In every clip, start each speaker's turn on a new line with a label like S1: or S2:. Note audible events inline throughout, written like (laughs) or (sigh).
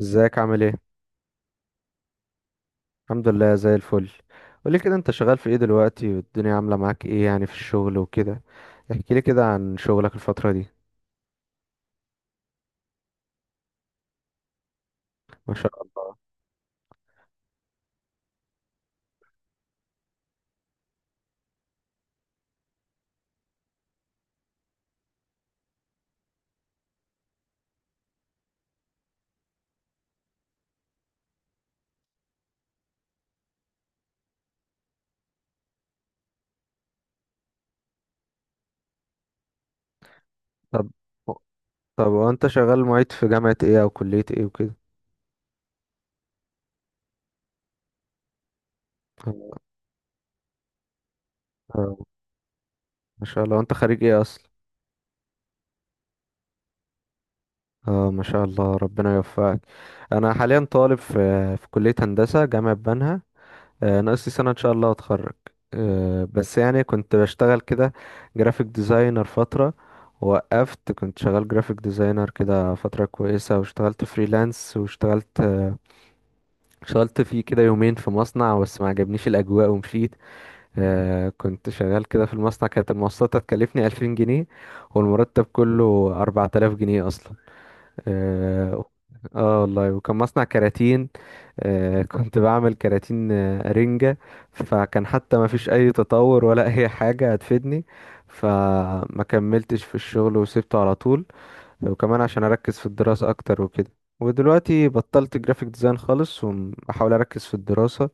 S1: ازيك؟ عامل ايه؟ الحمد لله زي الفل. قولي كده، انت شغال في ايه دلوقتي؟ والدنيا عامله معاك ايه يعني في الشغل وكده؟ احكي لي كده عن شغلك الفتره دي. ما شاء الله. طب طب وانت شغال معيد في جامعه ايه او كليه ايه وكده؟ اه، ما شاء الله، انت خريج ايه اصلا؟ اه ما شاء الله، ربنا يوفقك. انا حاليا طالب في كليه هندسه جامعه بنها. ناقص لي سنة إن شاء الله أتخرج. بس يعني كنت بشتغل كده جرافيك ديزاينر فترة، وقفت. كنت شغال جرافيك ديزاينر كده فترة كويسة، واشتغلت فريلانس، واشتغلت آه، اشتغلت فيه كده يومين في مصنع، بس ما عجبنيش الأجواء ومشيت. كنت شغال كده في المصنع، كانت المواصلات هتكلفني 2000 جنيه، والمرتب كله 4000 جنيه أصلا. آه. اه والله، وكان مصنع كراتين. آه (laughs) كنت بعمل كراتين، آه، رنجة. فكان حتى ما فيش اي تطور ولا اي حاجة هتفيدني، فما كملتش في الشغل وسبته على طول، وكمان عشان اركز في الدراسة اكتر وكده. ودلوقتي بطلت جرافيك ديزاين خالص، وبحاول اركز في الدراسة،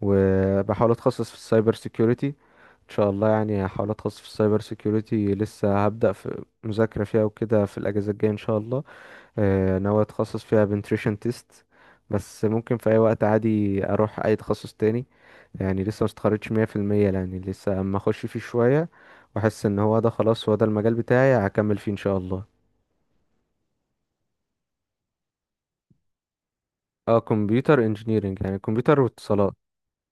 S1: وبحاول اتخصص في السايبر سيكيورتي. ان شاء الله يعني هحاول اتخصص في السايبر سيكيورتي. لسه هبدأ في مذاكرة فيها وكده في الاجازة الجاية ان شاء الله. ناوي اتخصص فيها بنتريشن تيست، بس ممكن في اي وقت عادي اروح اي تخصص تاني. يعني لسه مستخرجتش 100%، يعني لسه اما اخش فيه شوية واحس ان هو ده، خلاص هو ده المجال بتاعي، هكمل فيه ان شاء الله. اه، كمبيوتر انجينيرنج يعني كمبيوتر واتصالات.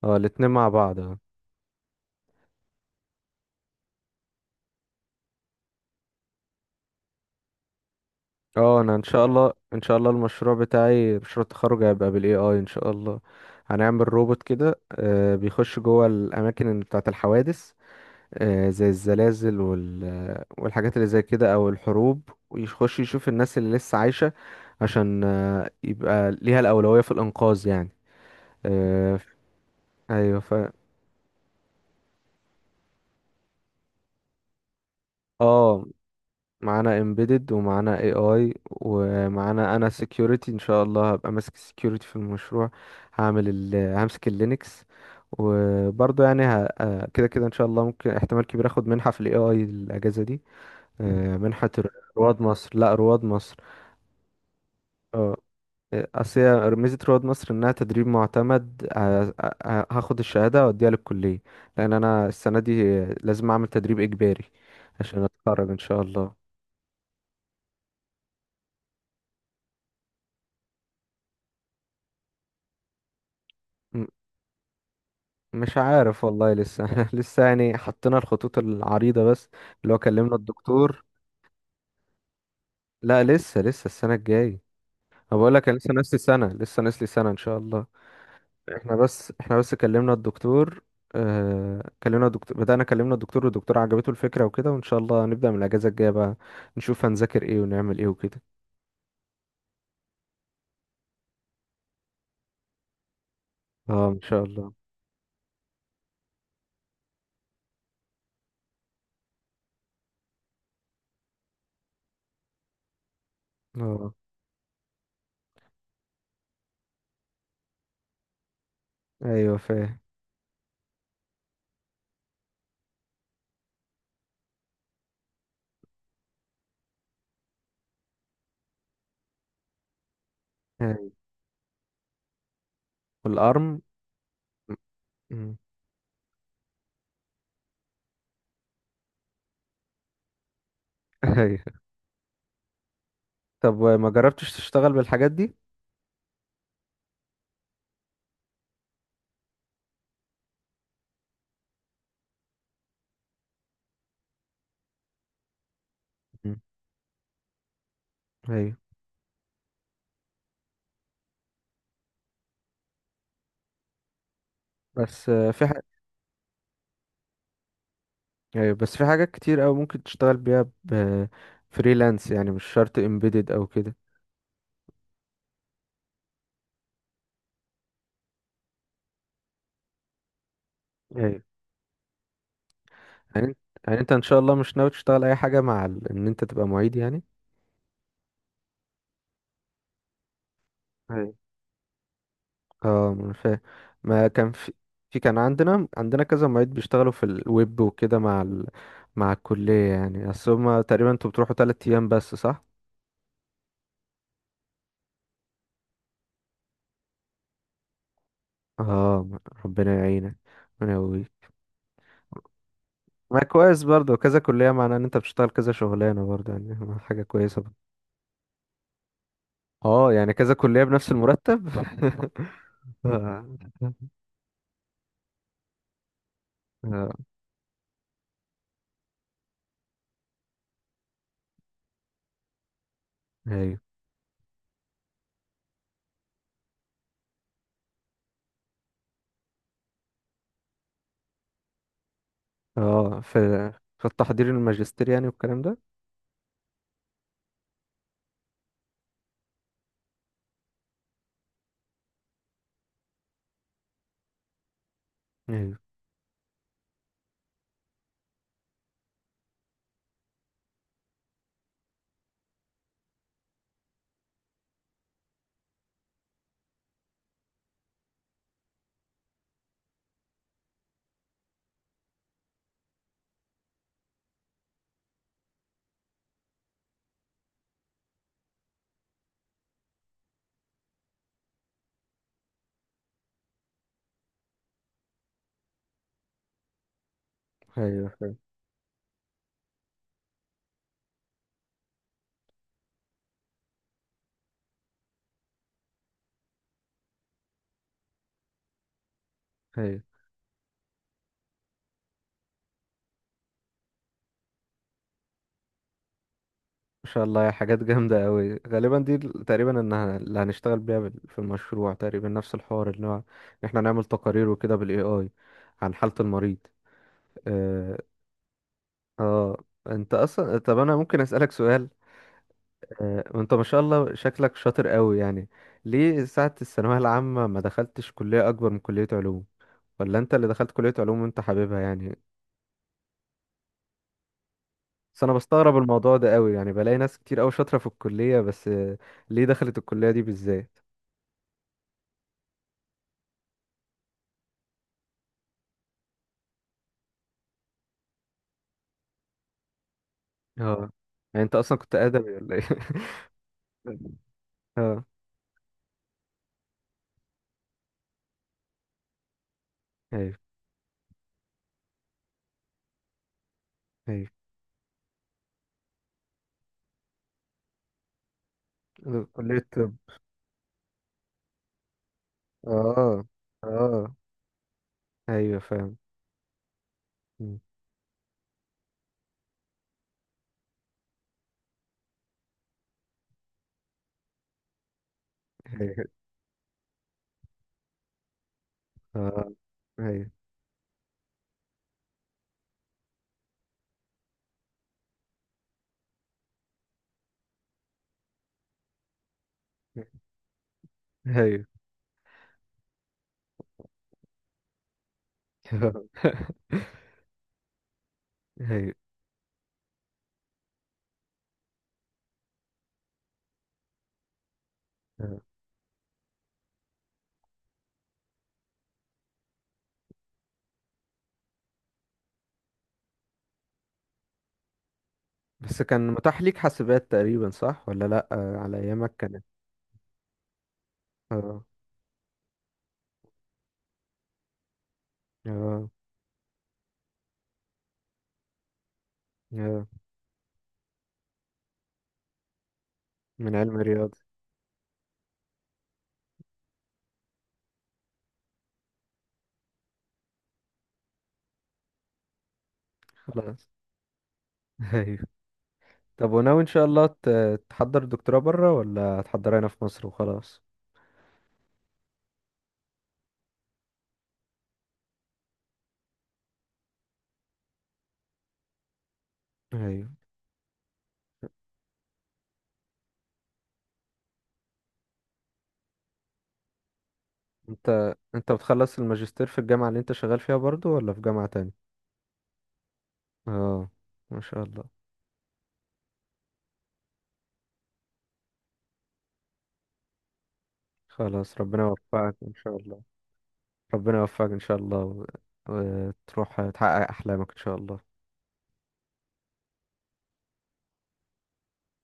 S1: اه الاتنين مع بعض، اه. اه انا ان شاء الله، ان شاء الله المشروع بتاعي، مشروع التخرج، هيبقى بالاي اي ان شاء الله. هنعمل روبوت كده، بيخش جوه الاماكن بتاعه الحوادث، زي الزلازل والحاجات اللي زي كده او الحروب، ويخش يشوف الناس اللي لسه عايشة عشان يبقى ليها الأولوية في الإنقاذ يعني. آه، ف- ايوه ف اه معانا embedded ومعانا AI ومعانا انا security، ان شاء الله هبقى ماسك security في المشروع. هعمل همسك اللينكس، وبرضه يعني ه... آه، كده كده ان شاء الله ممكن، احتمال كبير اخد منحة في ال AI الاجازة دي. منحة رواد مصر. لا، رواد مصر. اه. اصل هي ميزه رواد مصر انها تدريب معتمد. هاخد الشهاده واديها للكليه، لان انا السنه دي لازم اعمل تدريب اجباري عشان اتخرج ان شاء الله. م- مش عارف والله، لسه (laughs) لسه يعني حطينا الخطوط العريضه بس، اللي هو كلمنا الدكتور. لا لسه، لسه السنه الجايه. انا بقول لك أنا لسه ناقص لي سنه، لسه ناقص لي سنه، ان شاء الله. احنا بس كلمنا الدكتور. اه كلمنا الدكتور، بدأنا كلمنا الدكتور والدكتور عجبته الفكرة وكده، وان شاء الله هنبدأ من الأجازة الجاية بقى، نشوف هنذاكر ايه ونعمل ايه وكده. اه ان شاء الله. اه. ايوه فاهم. أيوة. والارم. مم. (laughs) ايوه. طب ما جربتش تشتغل بالحاجات دي؟ مم. ايوه. بس في حاجة. ايوه، بس في حاجات كتير قوي ممكن تشتغل بيها ب فريلانس، يعني مش شرط امبيدد او كده. ايوه. يعني انت يعني انت ان شاء الله مش ناوي تشتغل اي حاجة مع ان انت تبقى معيد يعني؟ أيوة. اه ما أنا فاهم. ما كان في كان عندنا، عندنا، كذا معيد بيشتغلوا في الويب وكده مع مع الكلية يعني. اصل هما تقريبا، انتوا بتروحوا تلات ايام بس صح؟ اه، ربنا يعينك، ربنا يقويك. ما كويس برضه، كذا كلية معناه ان انت بتشتغل كذا شغلانة برضه، يعني حاجة كويسة برضه. اه يعني كذا كلية بنفس المرتب (laughs) اه. آه، ايوه. اه في. في التحضير الماجستير يعني والكلام ده. ايوه. ايوه فاهم. ايوه. ما شاء الله يا حاجات جامدة أوي، غالبا دي تقريبا إنها اللي هنشتغل بيها في المشروع، تقريبا نفس الحوار اللي هو إن إحنا نعمل تقارير وكده بالاي AI عن حالة المريض. آه. آه أنت أصلا، طب أنا ممكن أسألك سؤال؟ آه أنت ما شاء الله شكلك شاطر أوي يعني، ليه ساعة الثانوية العامة ما دخلتش كلية أكبر من كلية علوم؟ ولا أنت اللي دخلت كلية علوم وأنت حاببها يعني؟ بس أنا بستغرب الموضوع ده أوي، يعني بلاقي ناس كتير أوي شاطرة في الكلية بس. ليه دخلت الكلية دي بالذات؟ اه، يعني انت اصلا كنت ادبي ولا ايه؟ (laughs) اه. ايوه. ايوه. أنا كلية طب. اه. اه. ايوه فاهم. مم. ايوه. اه. ايوه. ايوه. (laughs) ايوه. آه. بس كان متاح ليك حاسبات تقريبا صح ولا لا؟ آه. على ايامك كانت. اه. اه. اه. من علم رياضي. خلاص. (laughs) ايوه. طب وناوي ان شاء الله تحضر دكتوراه بره ولا هتحضرها هنا في مصر وخلاص؟ ايوه. انت بتخلص الماجستير في الجامعة اللي انت شغال فيها برضو ولا في جامعة تاني؟ اه. ما شاء الله. خلاص، ربنا يوفقك ان شاء الله. ربنا يوفقك ان شاء الله، وتروح تحقق احلامك ان شاء الله.